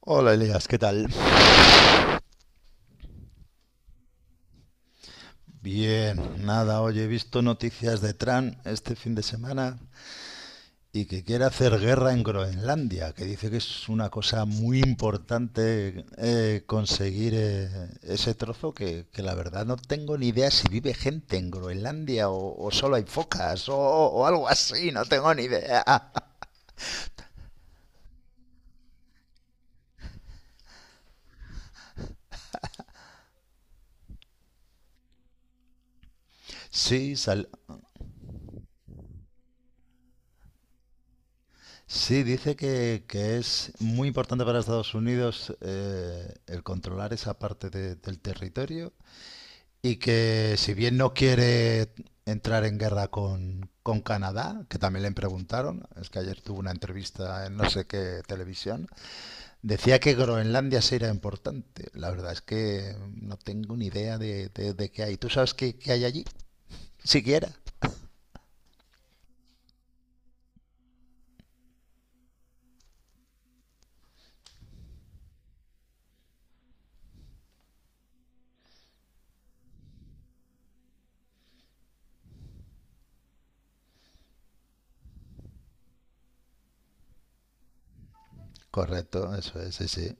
Hola Elías, ¿qué tal? Bien, nada, oye, he visto noticias de Trump este fin de semana y que quiere hacer guerra en Groenlandia, que dice que es una cosa muy importante conseguir ese trozo, que la verdad no tengo ni idea si vive gente en Groenlandia o solo hay focas o algo así, no tengo ni idea. Sí, sal- Sí, dice que es muy importante para Estados Unidos el controlar esa parte del territorio. Y que si bien no quiere entrar en guerra con Canadá, que también le preguntaron, es que ayer tuvo una entrevista en no sé qué televisión, decía que Groenlandia sí importante. La verdad es que no tengo ni idea de qué hay. ¿Tú sabes qué hay allí? Siquiera. Correcto, eso es, sí, sí.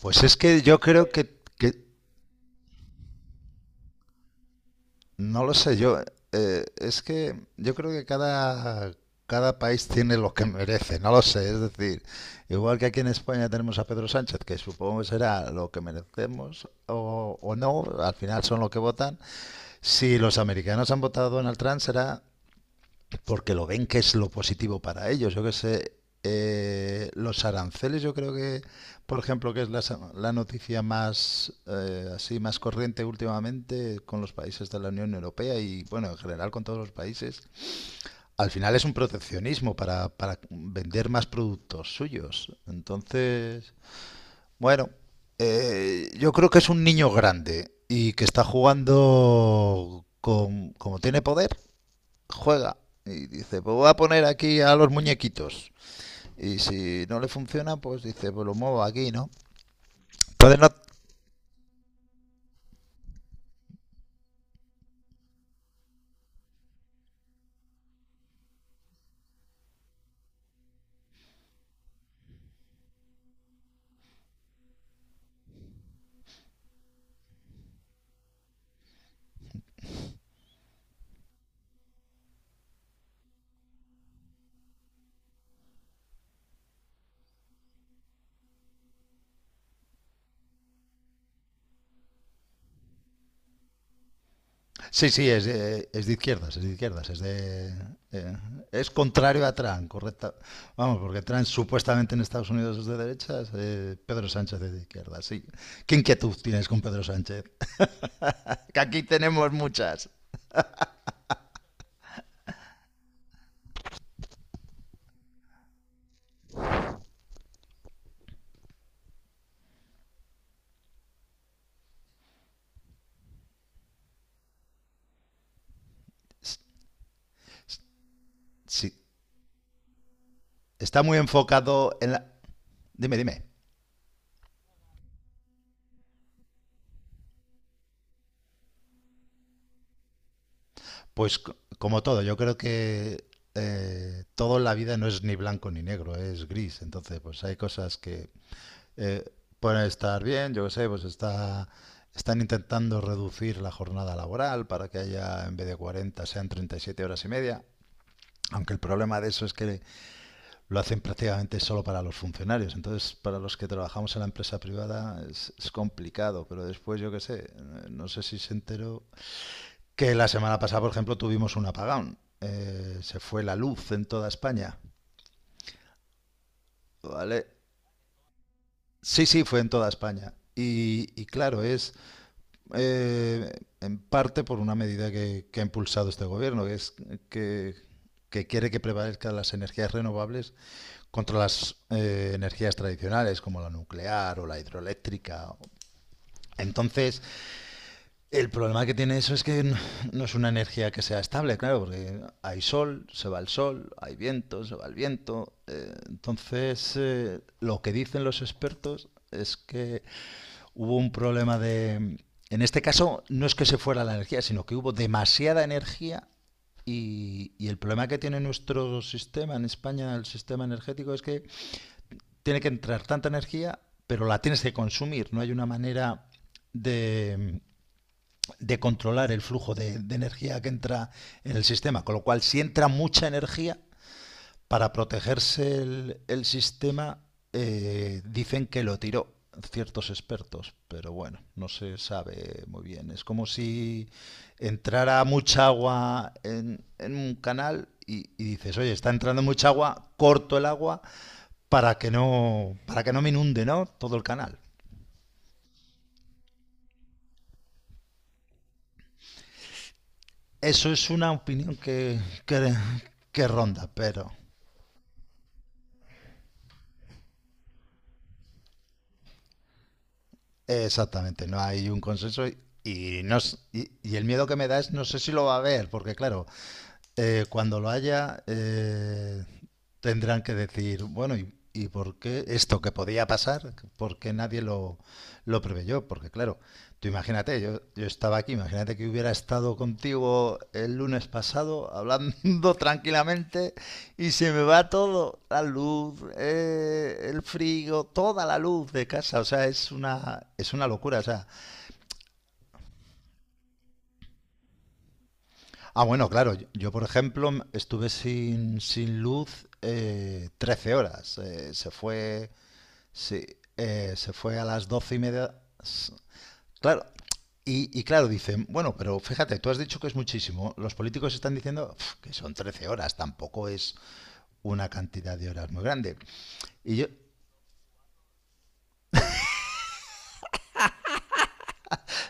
Pues es que yo creo que No lo sé, yo, es que yo creo cada país tiene lo que merece, no lo sé, es decir, igual que aquí en España tenemos a Pedro Sánchez, que supongo que será lo que merecemos o no, al final son lo que votan, si los americanos han votado a Donald Trump será porque lo ven que es lo positivo para ellos. Yo que sé, los aranceles, yo creo por ejemplo, que es la noticia más así más corriente últimamente con los países de la Unión Europea y bueno, en general con todos los países, al final es un proteccionismo para vender más productos suyos. Entonces, bueno, yo creo que es un niño grande y que está jugando con, como tiene poder, juega y dice, pues voy a poner aquí a los muñequitos. Y si no le funciona, pues dice, pues lo muevo aquí, ¿no? Entonces no... Sí, sí, es de izquierdas, es de izquierdas, es de... eh, es contrario a Trump, correcta. Vamos, porque Trump supuestamente en Estados Unidos es de derechas, Pedro Sánchez es de izquierdas, sí. ¿Qué inquietud tienes con Pedro Sánchez? Que aquí tenemos muchas. Sí, está muy enfocado en la... Dime, dime. Pues c- Como todo, yo creo que todo en la vida no es ni blanco ni negro, es gris. Entonces, pues hay cosas que eh, pueden estar bien, yo qué sé, pues está, están intentando reducir la jornada laboral para que haya, en vez de 40, sean 37 horas y media. Aunque el problema de eso es que lo hacen prácticamente solo para los funcionarios. Entonces, para los que trabajamos en la empresa privada es complicado, pero después, yo qué sé, no sé si se enteró que la semana pasada, por ejemplo, tuvimos un apagón. Se fue la luz en toda España. ¿Vale? Sí, sí, fue en toda España. Y claro, es eh, en parte por una medida que ha impulsado este gobierno, que es que, que quiere que prevalezcan las energías renovables contra las energías tradicionales como la nuclear o la hidroeléctrica. Entonces, el problema que tiene eso es que no es una energía que sea estable, claro, porque hay sol, se va el sol, hay viento, se va el viento. Entonces, lo que dicen los expertos es que hubo un problema de... En este caso, no es que se fuera la energía, sino que hubo demasiada energía y el problema que tiene nuestro sistema en España, el sistema energético, es que tiene que entrar tanta energía, pero la tienes que consumir. No hay una manera de, de controlar el flujo de energía que entra en el sistema. Con lo cual, si entra mucha energía, para protegerse el sistema, dicen que lo tiró ciertos expertos, pero bueno, no se sabe muy bien. Es como si entrara mucha agua en un canal y, dices, oye, está entrando mucha agua, corto el agua para que no me inunde, ¿no?, todo el canal. Eso es una opinión que, que ronda, pero... Exactamente, no hay un consenso y no, s- y el miedo que me da es no sé si lo va a ver, porque claro, cuando lo haya, tendrán que decir, bueno, y por qué esto que podía pasar? ¿Por qué nadie lo preveyó? Porque claro, tú imagínate, yo estaba aquí, imagínate que hubiera estado contigo el lunes pasado hablando tranquilamente y se me va todo, la luz, el frío, toda la luz de casa, o sea, es una locura, o sea... Ah, bueno, claro. Por ejemplo, estuve sin luz 13 horas. Se fue, sí, se fue a las 12 y media. S- Claro. Y claro, dicen, bueno, pero fíjate, tú has dicho que es muchísimo. Los políticos están diciendo "Pf, que son 13 horas, tampoco es una cantidad de horas muy grande". Y yo,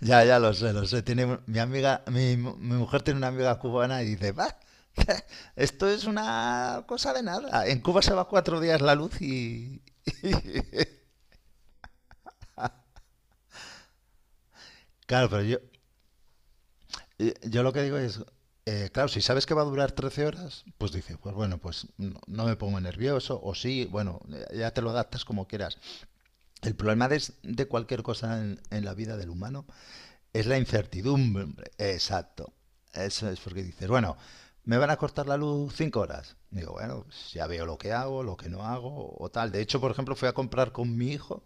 ya, ya lo sé, lo sé. Tiene un- mi amiga, mi mujer tiene una amiga cubana y dice, va, esto es una cosa de nada. En Cuba se va cuatro días la luz y... Claro, pero yo, yo lo que digo es, claro, si sabes que va a durar 13 horas, pues dices, pues bueno, pues no, no me pongo nervioso, o sí, bueno, ya ya te lo adaptas como quieras. El problema de cualquier cosa en la vida del humano es la incertidumbre. Exacto. Eso es porque dices, bueno, me van a cortar la luz cinco horas. Digo, bueno, pues ya veo lo que hago, lo que no hago o tal. De hecho, por ejemplo, fui a comprar con mi hijo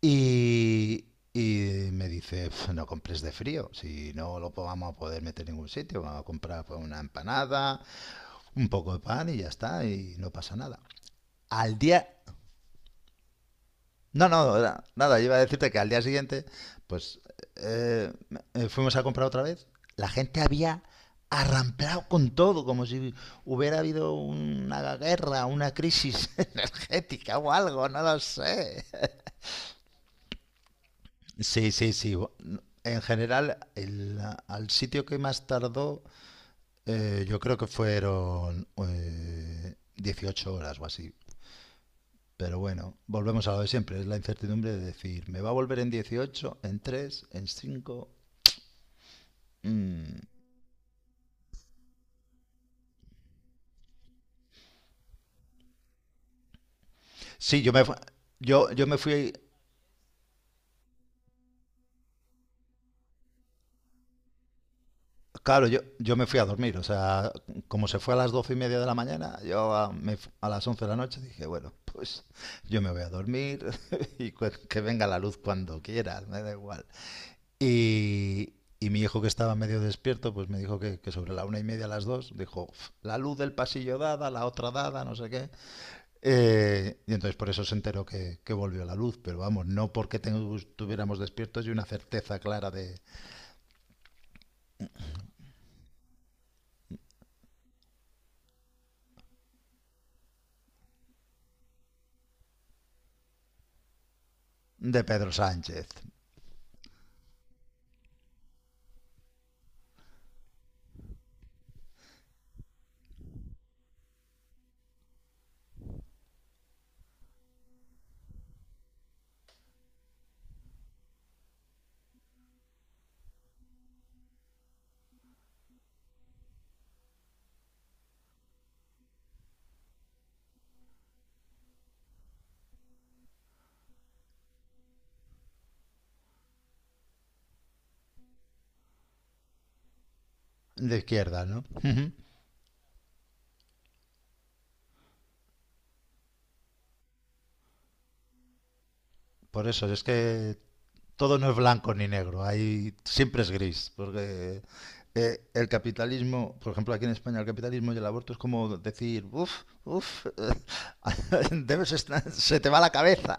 y, y me dice, "Pf, no compres de frío, si no vamos a poder meter en ningún sitio, vamos a comprar pues, una empanada, un poco de pan y ya está, y no pasa nada". Al día... No, no, era- nada, iba a decirte que al día siguiente, pues eh, fuimos a comprar otra vez. La gente había arramplado con todo, como si hubiera habido una guerra, una crisis energética o algo, no lo sé. Sí, sí, sí. En general, al sitio que más tardó, yo creo que fueron 18 horas o así. Pero bueno, volvemos a lo de siempre, es la incertidumbre de decir, ¿me va a volver en 18, en tres, en cinco? Mm. Sí, yo me fui, claro, yo me fui a dormir, o sea, como se fue a las 12 y media de la mañana, yo a, me fu- a las 11 de la noche dije, bueno, pues yo me voy a dormir y que venga la luz cuando quiera, me da igual. Y, y mi hijo que estaba medio despierto, pues me dijo que sobre la una y media, a las dos, dijo, "Uf, la luz del pasillo dada, la otra dada, no sé qué". Y entonces por eso se enteró que volvió la luz, pero vamos, no porque estuviéramos despiertos y una certeza clara de Pedro Sánchez, de izquierda, ¿no? Ujú. Por eso es que todo no es blanco ni negro, hay, siempre es gris, porque el capitalismo, por ejemplo, aquí en España, el capitalismo y el aborto es como decir, uff, uff, debes estar- se te va la cabeza.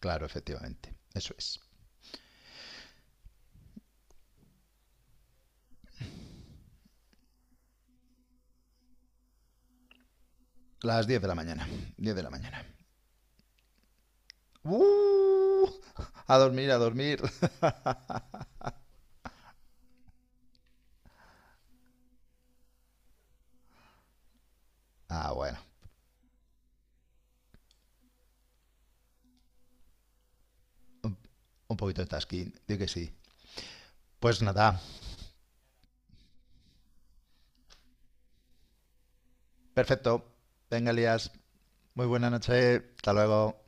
Claro, efectivamente, eso es. Las 10 de la mañana, diez de la mañana. Uh, a dormir, a dormir. Ah, bueno. Un poquito de tasking, digo que sí. Pues nada, perfecto. Venga, Elías. Muy buena noche. Hasta luego.